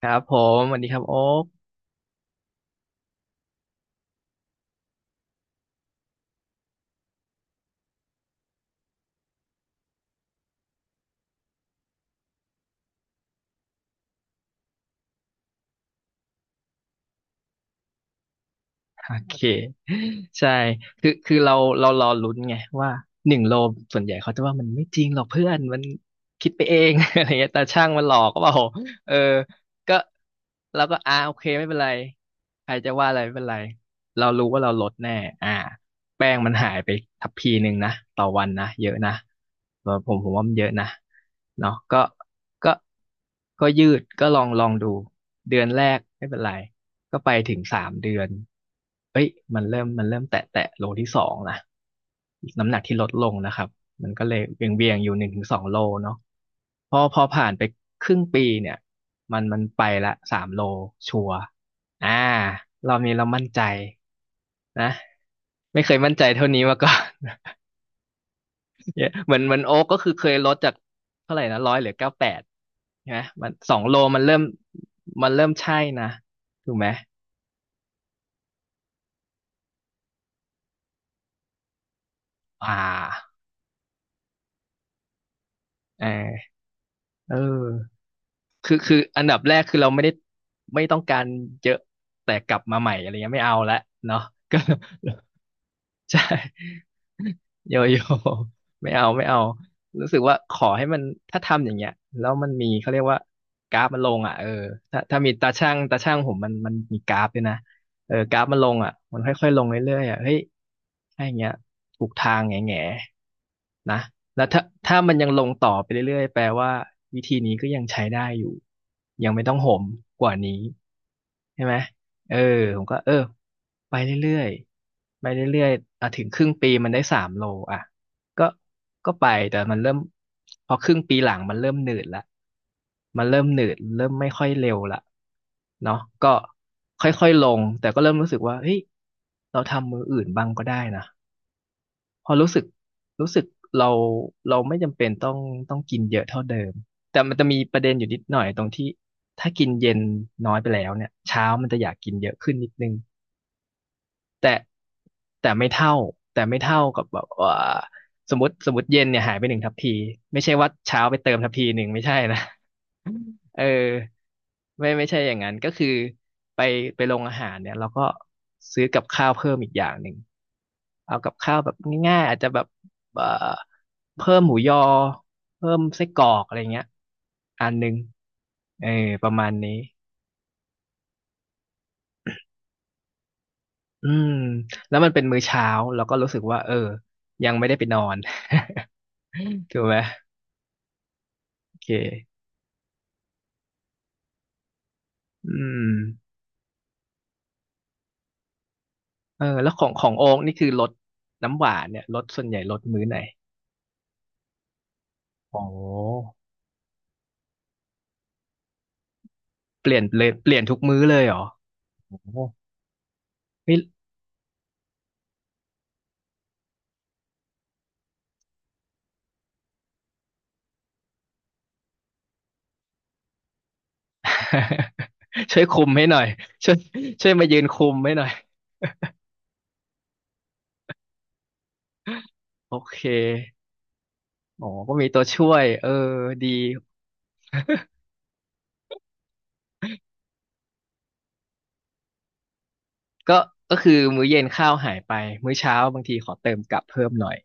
ครับผมสวัสดีครับโอ๊คโอเคใช่คือเรารอลุ้นไงว่า1 โลส่วนใหญ่เขาจะว่ามันไม่จริงหรอกเพื่อนมันคิดไปเอง อะไรเงี้ยตาช่างมันหลอกก็เปล่าเออก็เราก็โอเคไม่เป็นไรใครจะว่าอะไรไม่เป็นไรเรารู้ว่าเราลดแน่อ่าแป้งมันหายไปทัพพีหนึ่งนะต่อวันนะเยอะนะผมว่ามันเยอะนะเนาะก็ก็ยืดก็ลองดู เดือนแรกไม่เป็นไรก็ไปถึง3 เดือนเอ้ยมันเริ่มแตะโลที่ 2นะน้ำหนักที่ลดลงนะครับมันก็เลยเบี่ยงเบียงอยู่1 ถึง 2 โลเนาะพอผ่านไปครึ่งปีเนี่ยมันไปละสามโลชัวร์อ่าเรามั่นใจนะไม่เคยมั่นใจเท่านี้มาก่อน เยอะเหมือนโอ๊กก็คือเคยลดจากเท่าไหร่นะ100 เหลือ 98นะมันสองโลมันเริ่มใช่นะถูกไหมอ่าเออเออคืออันดับแรกคือเราไม่ได้ไม่ต้องการเยอะแต่กลับมาใหม่อะไรเงี้ยไม่เอาละเนาะก็ ใช่โยโย่ไม่เอาไม่เอารู้สึกว่าขอให้มันถ้าทำอย่างเงี้ยแล้วมันมีเขาเรียกว่ากราฟมันลงอ่ะเออถ้ามีตาช่างผมมันมีกราฟด้วยนะเออกราฟมันลงอ่ะมันค่อยๆลงเรื่อยๆอ่ะเฮ้ยถ้าอย่างเงี้ยถูกทางแง่ๆนะแล้วถ้ามันยังลงต่อไปเรื่อยๆแปลว่าวิธีนี้ก็ยังใช้ได้อยู่ยังไม่ต้องโหมกว่านี้ใช่ไหม เออผมก็เออไปเรื่อยๆไปเรื่อยๆอ่ะถึงครึ่งปีมันได้สามโลอ่ะก็ก็ไปแต่มันเริ่มพอครึ่งปีหลังมันเริ่มหนืดละมันเริ่มหนืดเริ่มไม่ค่อยเร็วละเนาะก็ค่อยๆลงแต่ก็เริ่มรู้สึกว่าเฮ้ยเราทำมืออื่นบ้างก็ได้นะพอรู้สึกเราเราไม่จำเป็นต้องกินเยอะเท่าเดิมแต่มันจะมีประเด็นอยู่นิดหน่อยตรงที่ถ้ากินเย็นน้อยไปแล้วเนี่ยเช้ามันจะอยากกินเยอะขึ้นนิดนึง แต่แต่ไม่เท่าแต่ไม่เท่ากับแบบว่าสมมติเย็นเนี่ยหายไป1 ทัพพีไม่ใช่ว่าเช้าไปเติมทัพพีหนึ่งไม่ใช่นะ เออไม่ใช่อย่างนั้นก็คือไปไปโรงอาหารเนี่ยเราก็ซื้อกับข้าวเพิ่มอีกอย่างหนึ่งเอากับข้าวแบบง่ายๆอาจจะแบบเอ่อเพิ่มหมูยอเพิ่มไส้กรอกอะไรเงี้ยอันหนึ่งเออประมาณนี้อืมแล้วมันเป็นมื้อเช้าเราก็รู้สึกว่ายังไม่ได้ไปนอน ถูกไหมโอเคอืมเออแล้วของโอ๊กนี่คือลดน้ำหวานเนี่ยลดส่วนใหญ่ลดมื้อไหนโอ้เปลี่ยนเลยเปลี่ยนทุกมื้อเลยเหรอโอ้ไม่ ช่วยคุมให้หน่อยช่วยช่วยมายืนคุมให้หน่อยโอเคอ๋อก็มีตัวช่วยเออดี ก็ก็คือมื้อเย็นข้าวหายไป มื้อเช้าบางทีขอเติมกลับเพิ่มหน่อย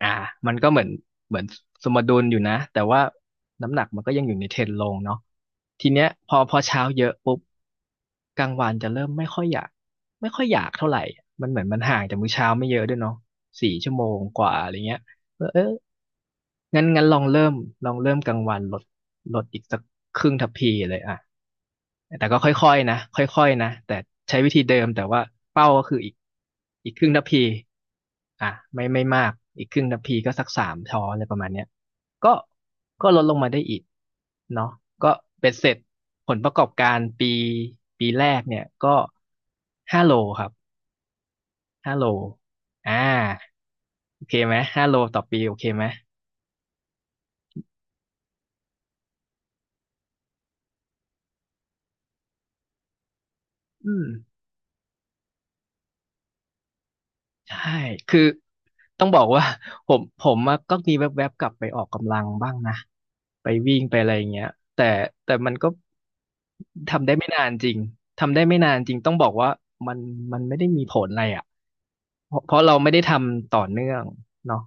อ่ามันก็เหมือนสมดุลอยู่นะ แต่ว่าน้ำหนักมันก็ยังอยู่ในเทรนด์ลงเนาะทีเนี้ยพอเช้าเยอะปุ๊บกลางวันจะเริ่มไม่ค่อยอยาก ไม่ค่อยอยากเท่าไหร่มันเหมือนมันห่างจากมื้อเช้าไม่เยอะด้วยเนาะ4 ชั่วโมงกว่าอะไรเงี้ยเออ งั้นลองเริ่มกลางวันลดลดอีกสักครึ่งทัพพีเลยอ่ะแต่ก็ค่อยๆนะค่อยๆนะแต่ใช้วิธีเดิมแต่ว่าเป้าก็คืออีกครึ่งทัพพีอ่ะไม่มากอีกครึ่งทัพพีก็สัก3 ช้อนอะไรประมาณเนี้ยก็ก็ลดลงมาได้อีกเนาะก็เป็นเสร็จผลประกอบการปีแรกเนี่ยก็ห้าโลครับห้าโลอ่าโอเคไหม5 โลต่อปีโอเคไหมอืม ใช่คือต้องบอกว่า ผมอะก็มีแวบๆกลับไปออกกำลังบ้างนะไปวิ่งไปอะไรอย่างเงี้ยแต่แต่มันก็ทำได้ไม่นานจริงทำได้ไม่นานจริงต้องบอกว่ามันมันไม่ได้มีผลอะไรอ่ะเพราะเราไม่ได้ทำต่อเนื่องเนาะ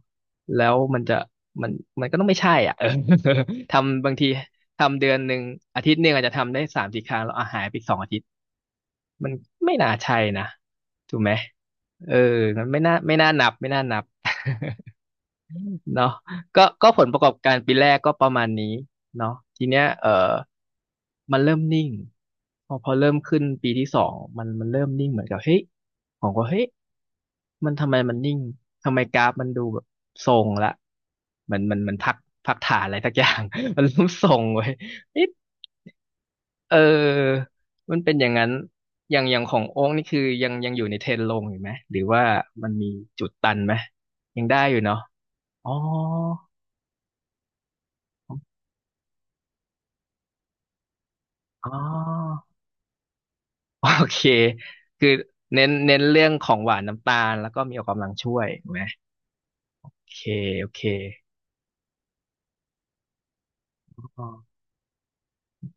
แล้วมันจะมันมันก็ต้องไม่ใช่อ่ะ เออ ทำบางทีทำเดือนหนึ่งอาทิตย์หนึ่งอาจจะทำได้3 4 ครั้งแล้วอ่ะหายไป2 อาทิตย์ มันไม่น่าใช่นะถูกไหมเออมันไม่น่านับไม่น่านับ เนาะก็ผลประกอบการปีแรกก็ประมาณนี้เนาะทีเนี้ยเออมันเริ่มนิ่งพอเริ่มขึ้นปีที่สองมันเริ่มนิ่งเหมือนกับเฮ้ยผมก็เฮ้ยมันทำไมมันนิ่งทำไมกราฟมันดูแบบทรงละเหมันพักพักฐานอะไรสักอย่าง มันเริ่มทรงเว้ยเอ๊ะ เออมันเป็นอย่างนั้นอย่างของโอ๊กนี่คือยังอยู่ในเทรนด์ลงอยู่ไหม หรือว่ามันมีจุดตันไหม ยังได้อยู่เนาะอ๋ออ๋อโอเค คือเน้นเรื่องของหวานน้ำตาลแล้วก็มีออกกำลังช่วยถูกไหม โอเคโอเค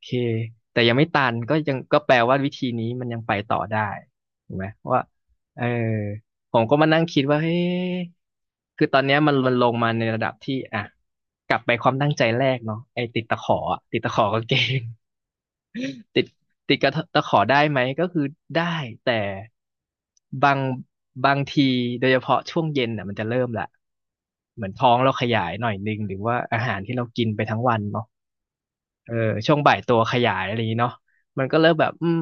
เคแต่ยังไม่ตันก็ยังก็แปลว่าวิธีนี้มันยังไปต่อได้ถูกไหมว่าเออผมก็มานั่งคิดว่าเฮ้คือตอนเนี้ยมันลงมาในระดับที่อ่ะกลับไปความตั้งใจแรกเนาะไอ้ติดตะขออะติดตะขอกางเกงติดติดกระตะขอได้ไหมก็คือได้แต่บางบางทีโดยเฉพาะช่วงเย็นอ่ะมันจะเริ่มละเหมือนท้องเราขยายหน่อยนึงหรือว่าอาหารที่เรากินไปทั้งวันเนาะ เออช่วงบ่ายตัวขยายอะไรอย่างนี้เนาะมันก็เริ่มแบบ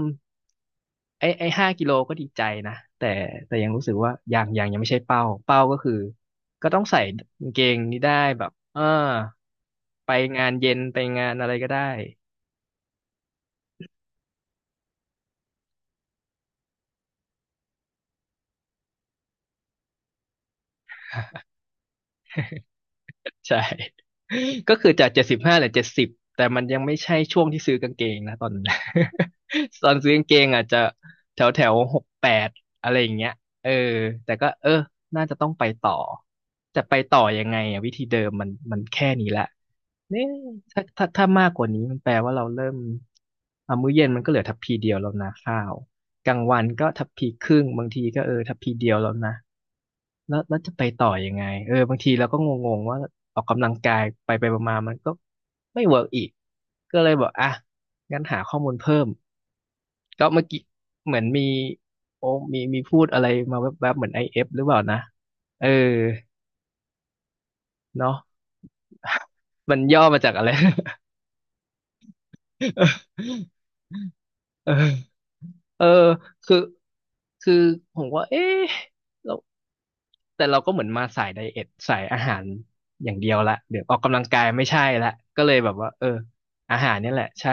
ไอ้ไอ้5 กิโลก็ดีใจนะแต่แต่ยังรู้สึกว่ายังไม่ใช่เป้าเป้าก็คือก็ต้องใส่กางเกงนี้ได้แบบเออไปงานเย็นไปงานอะไรก็ได้ ใช่ ก็คือจาก75เหลือเจ็ดสิบแต่มันยังไม่ใช่ช่วงที่ซื้อกางเกงนะตอนนั้น ตอนซื้อกางเกงอาจจะแถวแถว68อะไรอย่างเงี้ยเออแต่ก็เออน่าจะต้องไปต่อแต่ไปต่อยังไงอะวิธีเดิมมันแค่นี้ละเนี่ยถ้ามากกว่านี้มันแปลว่าเราเริ่มอ่ะมื้อเย็นมันก็เหลือทัพพีเดียวแล้วนะข้าวกลางวันก็ทัพพีครึ่งบางทีก็เออทัพพีเดียวแล้วนะ แล้วจะไปต่อยังไงเออบางทีเราก็งงๆว่าออกกำลังกายไปมาๆมันก็ไม่เวิร์กอีกก็เลยบอกอ่ะงั้นหาข้อมูลเพิ่มก็เมื่อกี้เหมือนมีโอ้มีพูดอะไรมาแวบๆเหมือนไอเอฟหรือเปล่านะเออเนาะ มันย่อมาจากอะไร เออเออคือคือผมว่าเอ๊ะเรา แต่เราก็เหมือนมาสายไดเอทสายอาหารอย่างเดียวละเดี๋ยวออกกำลังกายไม่ใช่ละก็เลยแบบว่าเอออาหารเนี่ยแหละใช่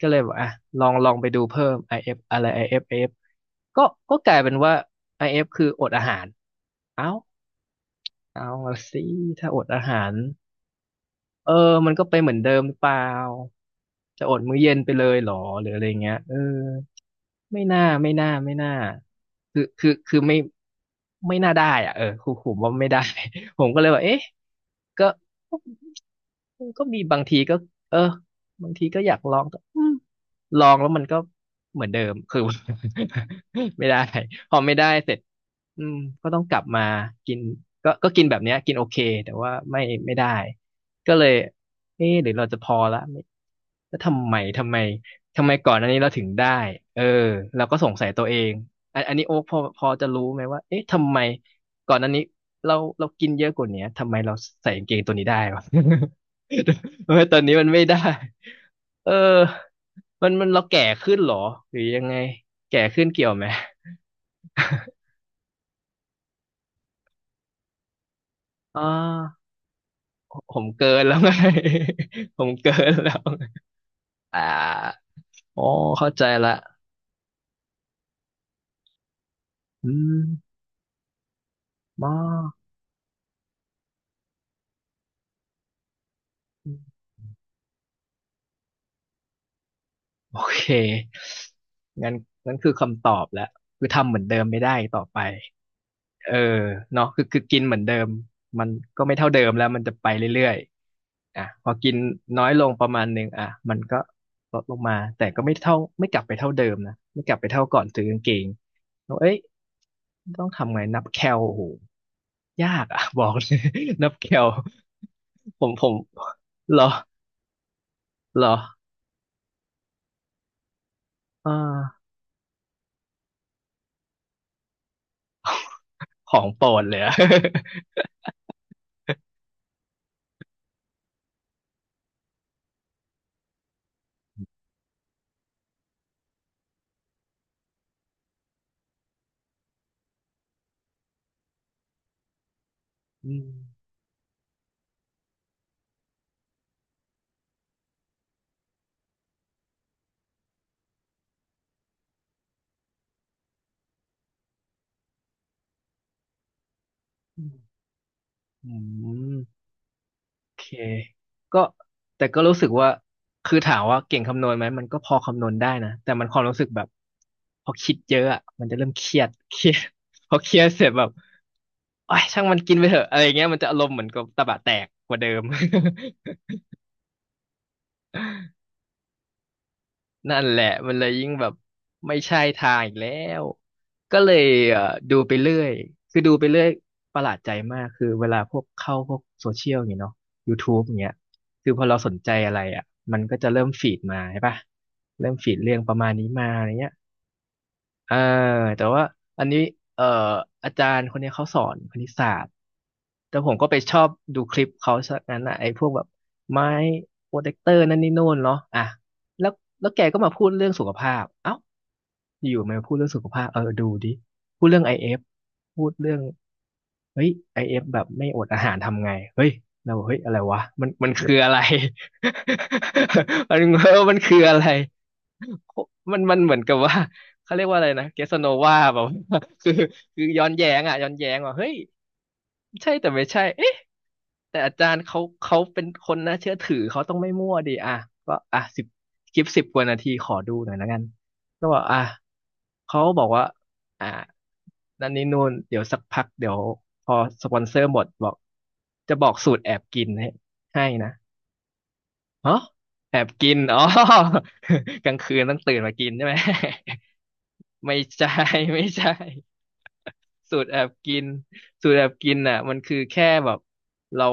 ก็เลยบอกอ่ะลองไปดูเพิ่ม IF อเอฟอะไร IF อเอฟไอเอฟก็ก็กลายเป็นว่า IF คืออดอาหารเอ้าเอาสิถ้าอดอาหารเออมันก็ไปเหมือนเดิมหรือเปล่าจะอดมื้อเย็นไปเลยเหรอหรืออะไรเงี้ยเออ ไม่น่าคือไม่ไม่น่าได้อ่ะเออครูผมว่าไม่ได้ ผมก็เลยว่าเอ๊ะก็ก็มีบางทีก็เออบางทีก็อยากลองแต่ลองแล้วมันก็เหมือนเดิมคือ ไม่ได้พอไม่ได้เสร็จอืมก็ต้องกลับมากินก็กินแบบเนี้ยกินโอเคแต่ว่าไม่ไม่ได้ก็เลยเอ๊ะหรือเราจะพอละไม่แล้วทำไมก่อนอันนี้เราถึงได้เออเราก็สงสัยตัวเองอันนี้โอ๊คพอจะรู้ไหมว่าเอ๊ะทำไมก่อนอันนี้เรากินเยอะกว่าเนี้ยทำไมเราใส่กางเกงตัวนี้ได้วะ ทำไมตอนนี้มันไม่ได้เออมันเราแก่ขึ้นเหรอหรือยังไงแก่ขึ้นเกี่ยวไหมอ่าผมเกินแล้วไง ผมเกินแล้วอ่าอ๋อเข้าใจละอืมมอ โอเคงั้นงั้นคือคำตอบแล้วคือทำเหมือนเดิมไม่ได้ต่อไปเออเนาะคือกินเหมือนเดิมมันก็ไม่เท่าเดิมแล้วมันจะไปเรื่อยๆอ่ะพอกินน้อยลงประมาณหนึ่งอ่ะมันก็ลดลงมาแต่ก็ไม่เท่าไม่กลับไปเท่าเดิมนะไม่กลับไปเท่าก่อนซื้อกางเกงเราเอ้ยต้องทำไงนับแคลโอ้โหยากอ่ะ บอกเลย นับแคลผมเหรอเหรออ่าของโปรดเลยอะ อืมอืมอืมโอเคก็แต่ก็รู้สึกว่าคือถามว่าเก่งคำนวณไหมมันก็พอคำนวณได้นะแต่มันความรู้สึกแบบพอคิดเยอะอ่ะมันจะเริ่มเครียด พอเครียดเสร็จแบบโอ้ยช่างมันกินไปเถอะอะไรเงี้ยมันจะอารมณ์เหมือนกับตะบะแตกกว่าเดิม นั่นแหละมันเลยยิ่งแบบไม่ใช่ทางอีกแล้วก็เลยเอ่อดูไปเรื่อยคือดูไปเรื่อยประหลาดใจมากคือเวลาพวกเข้าพวกโซเชียลอย่างเงี้ยเนาะ YouTube อย่างเงี้ยคือพอเราสนใจอะไรอ่ะมันก็จะเริ่มฟีดมาใช่ปะเริ่มฟีดเรื่องประมาณนี้มาอะไรเงี้ย อ่าแต่ว่าอันนี้เอ่ออาจารย์คนนี้เขาสอนคณิตศาสตร์แต่ผมก็ไปชอบดูคลิปเขาซะงั้นอ่ะไอ้พวกแบบไม้โปรเทคเตอร์นั่นนี่โน่นเนาะอ่ะแล้วแล้วแกก็มาพูดเรื่องสุขภาพเอ้าอยู่ๆมาพูดเรื่องสุขภาพเออดูดิพูดเรื่องไอเอฟพูดเรื่องเฮ้ยไอเอฟแบบไม่อดอาหารทำไงเฮ้ยเราบอกเฮ้ยอะไรวะมันคืออะไร มันเออมันคืออะไร มันเหมือนกับว่า เขาเรียกว่าอะไรนะเกสโนวาแบบ คือคือย้อนแย้งอ่ะย้อนแย้งว่าเฮ้ยใช่แต่ไม่ใช่เอ๊ะแต่อาจารย์เขาเป็นคนน่าเชื่อถือเขาต้องไม่มั่วดิอ่ะก็อ่ะสิบคลิปสิบกว่านาทีขอดูหน่อยละกันก็บอกอ่ะเขาบอกว่าอ่ะนั่นนี่นู่นเดี๋ยวสักพักเดี๋ยวพอสปอนเซอร์หมดบอกจะบอกสูตรแอบกินให้ให้นะฮะแอบกินอ๋อ กลางคืนต้องตื่นมากินใช่ไหม ไม่ใช่ ไม่ใช่สูตรแอบกินสูตรแอบกินน่ะมันคือแค่แบบเรา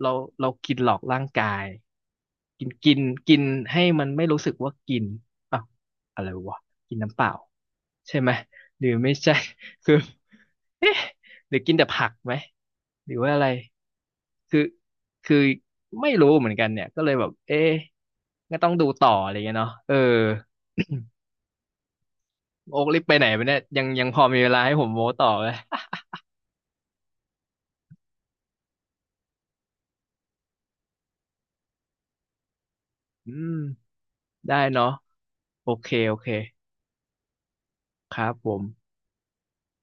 เราเรากินหลอกร่างกายกินกินกินให้มันไม่รู้สึกว่ากินอ้าวอะไรวะกินน้ำเปล่าใช่ไหมหรือไม่ใช่ คือหรือกินแต่ผักไหมหรือว่าอะไรคือคือไม่รู้เหมือนกันเนี่ยก็เลยแบบเอ๊ะก็ต้องดูต่ออะไรเงี้ยเนาะเออ โอ๊กรีบไปไหนไปเนี่ยยังยังพอมีเวลาให้ผมโม้ต่อเหย อืมได้เนาะโอเคโอเคครับผม